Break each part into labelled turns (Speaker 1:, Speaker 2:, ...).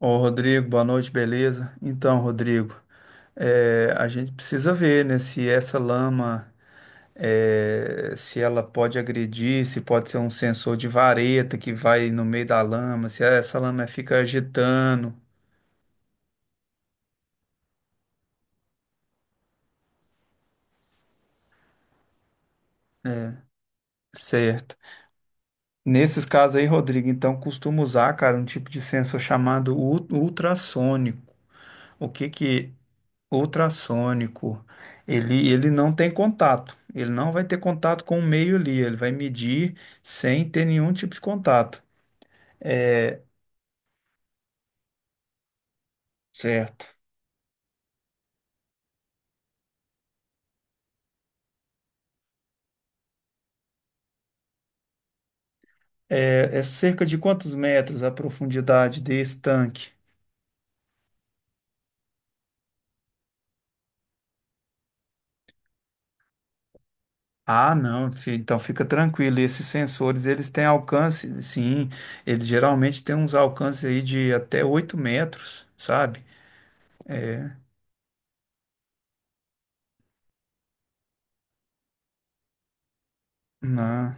Speaker 1: Ô, Rodrigo, boa noite, beleza? Então, Rodrigo, a gente precisa ver, né, se essa lama, se ela pode agredir, se pode ser um sensor de vareta que vai no meio da lama, se essa lama fica agitando, certo? Nesses casos aí, Rodrigo, então costumo usar, cara, um tipo de sensor chamado ultrassônico. O que que ultrassônico, ele não tem contato. Ele não vai ter contato com o meio ali. Ele vai medir sem ter nenhum tipo de contato. É, certo. É, é cerca de quantos metros a profundidade desse tanque? Ah, não, então fica tranquilo. Esses sensores, eles têm alcance, sim, eles geralmente têm uns alcances aí de até 8 metros, sabe? Não,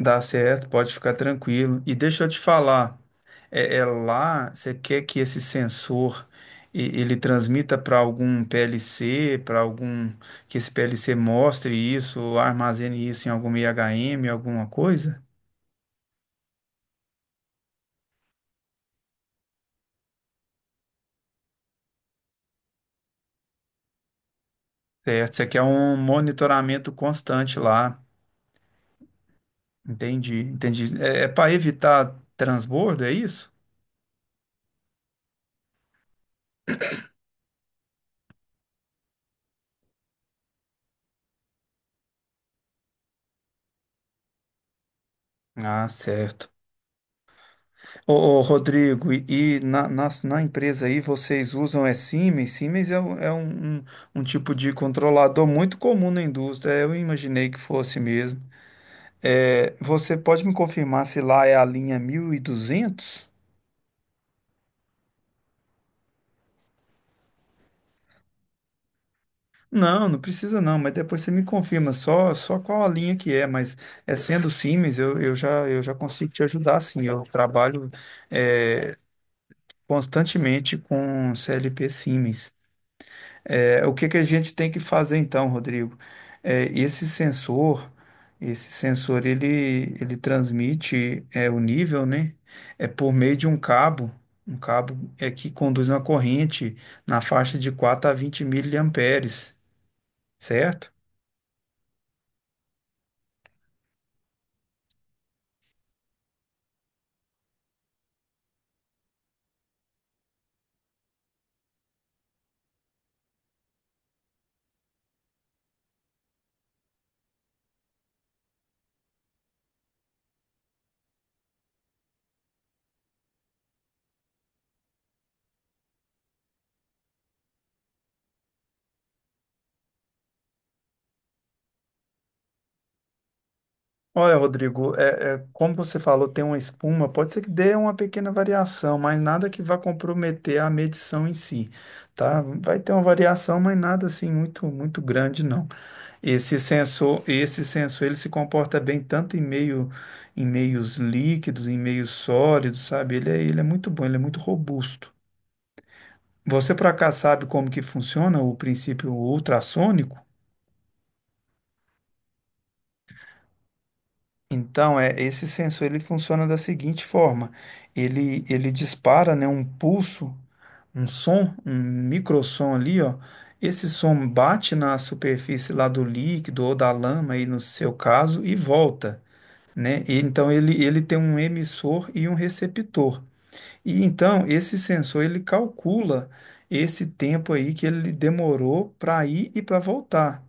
Speaker 1: dá certo, pode ficar tranquilo. E deixa eu te falar, é, é lá, você quer que esse sensor ele transmita para algum PLC, para algum que esse PLC mostre isso, ou armazene isso em algum IHM, alguma coisa? Certo, você quer um monitoramento constante lá. Entendi, entendi. É, é para evitar transbordo, é isso? Ah, certo. Ô, Rodrigo, e na empresa aí vocês usam é Siemens? Siemens é, um, é um tipo de controlador muito comum na indústria, eu imaginei que fosse mesmo. É, você pode me confirmar se lá é a linha 1200? Não, não precisa não, mas depois você me confirma só, só qual a linha que é, mas é sendo Siemens, eu já, eu já consigo te ajudar sim, eu trabalho é, constantemente com CLP Siemens. É, o que que a gente tem que fazer então, Rodrigo? É, esse sensor, ele transmite é, o nível, né? É por meio de um cabo é que conduz uma corrente na faixa de 4 a 20 miliamperes, certo? Olha, Rodrigo, é, é, como você falou, tem uma espuma, pode ser que dê uma pequena variação, mas nada que vá comprometer a medição em si, tá? Vai ter uma variação, mas nada assim muito, muito grande, não. Esse sensor, ele se comporta bem tanto em meio, em meios líquidos, em meios sólidos, sabe? Ele é muito bom, ele é muito robusto. Você por acaso sabe como que funciona o princípio ultrassônico? Então, é, esse sensor ele funciona da seguinte forma: ele dispara, né, um pulso, um som, um microsom ali, ó. Esse som bate na superfície lá do líquido ou da lama, aí no seu caso, e volta, né? E então, ele tem um emissor e um receptor. E então, esse sensor ele calcula esse tempo aí que ele demorou para ir e para voltar.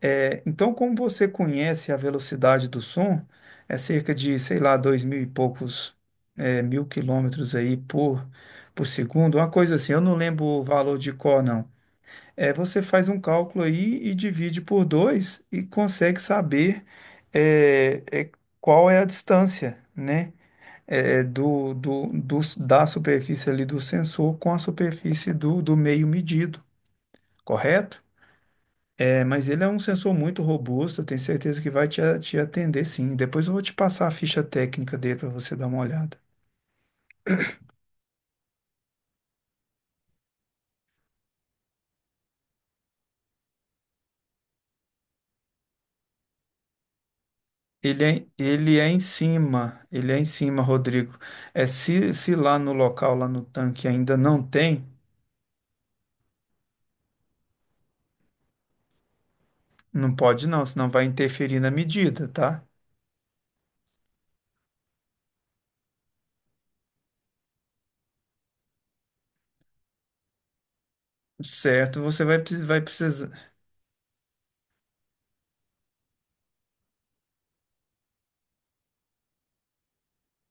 Speaker 1: É, então, como você conhece a velocidade do som, é cerca de, sei lá, dois mil e poucos é, mil quilômetros aí por segundo, uma coisa assim, eu não lembro o valor de cor, não. É, você faz um cálculo aí e divide por dois e consegue saber é, é, qual é a distância, né? É, da superfície ali do sensor com a superfície do meio medido, correto? É, mas ele é um sensor muito robusto, eu tenho certeza que vai te, te atender sim. Depois eu vou te passar a ficha técnica dele para você dar uma olhada. Ele é em cima, Rodrigo. É se, se lá no local, lá no tanque ainda não tem, não pode não, senão vai interferir na medida, tá? Certo, você vai, vai precisar,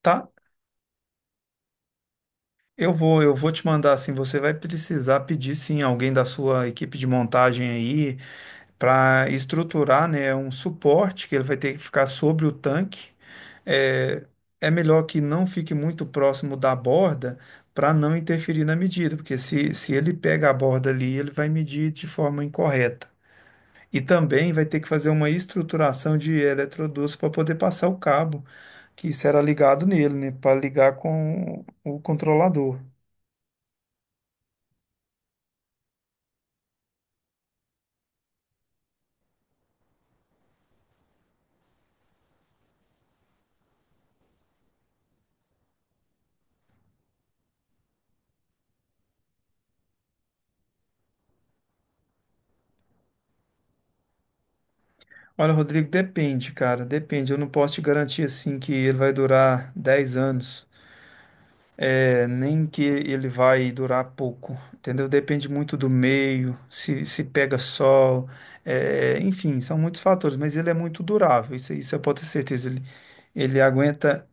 Speaker 1: tá? Eu vou te mandar assim, você vai precisar pedir sim alguém da sua equipe de montagem aí, para estruturar, né, um suporte que ele vai ter que ficar sobre o tanque. É, é melhor que não fique muito próximo da borda para não interferir na medida, porque se ele pega a borda ali, ele vai medir de forma incorreta. E também vai ter que fazer uma estruturação de eletrodutos para poder passar o cabo que será ligado nele, né, para ligar com o controlador. Olha, Rodrigo, depende, cara, depende. Eu não posso te garantir assim que ele vai durar 10 anos. É, nem que ele vai durar pouco, entendeu? Depende muito do meio, se pega sol, é, enfim, são muitos fatores, mas ele é muito durável, isso eu posso ter certeza. Ele aguenta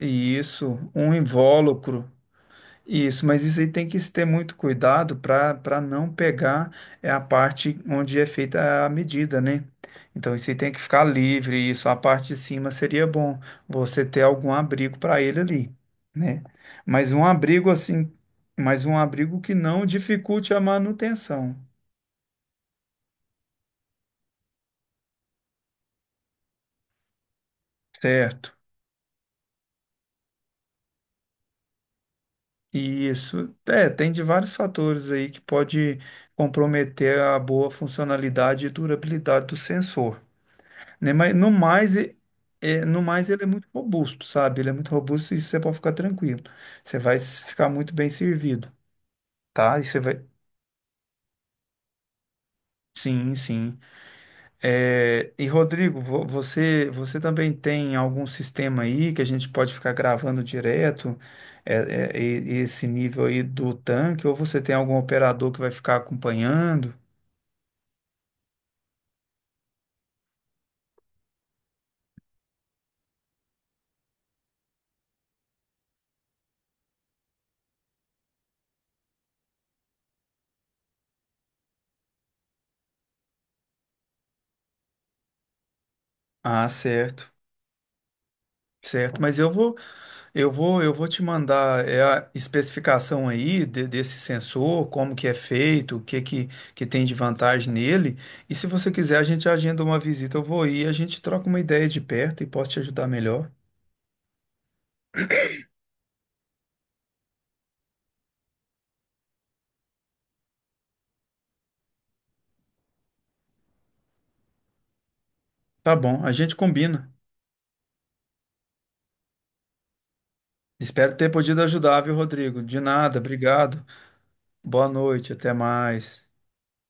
Speaker 1: isso, um invólucro. Isso, mas isso aí tem que se ter muito cuidado para não pegar é a parte onde é feita a medida, né? Então isso aí tem que ficar livre, isso, a parte de cima seria bom você ter algum abrigo para ele ali, né? Mas um abrigo assim, mas um abrigo que não dificulte a manutenção, certo? E isso, é, tem de vários fatores aí que pode comprometer a boa funcionalidade e durabilidade do sensor. Né? Mas no mais, é, no mais ele é muito robusto, sabe? Ele é muito robusto e você pode ficar tranquilo. Você vai ficar muito bem servido, tá? E você vai. Sim, sim. É, e Rodrigo, você, você também tem algum sistema aí que a gente pode ficar gravando direto é, é, esse nível aí do tanque, ou você tem algum operador que vai ficar acompanhando? Ah, certo, certo. Mas eu vou eu vou te mandar é, a especificação aí desse sensor, como que é feito, o que que tem de vantagem nele. E se você quiser, a gente agenda uma visita, eu vou ir, a gente troca uma ideia de perto e posso te ajudar melhor. Tá bom, a gente combina. Espero ter podido ajudar, viu, Rodrigo? De nada, obrigado. Boa noite, até mais.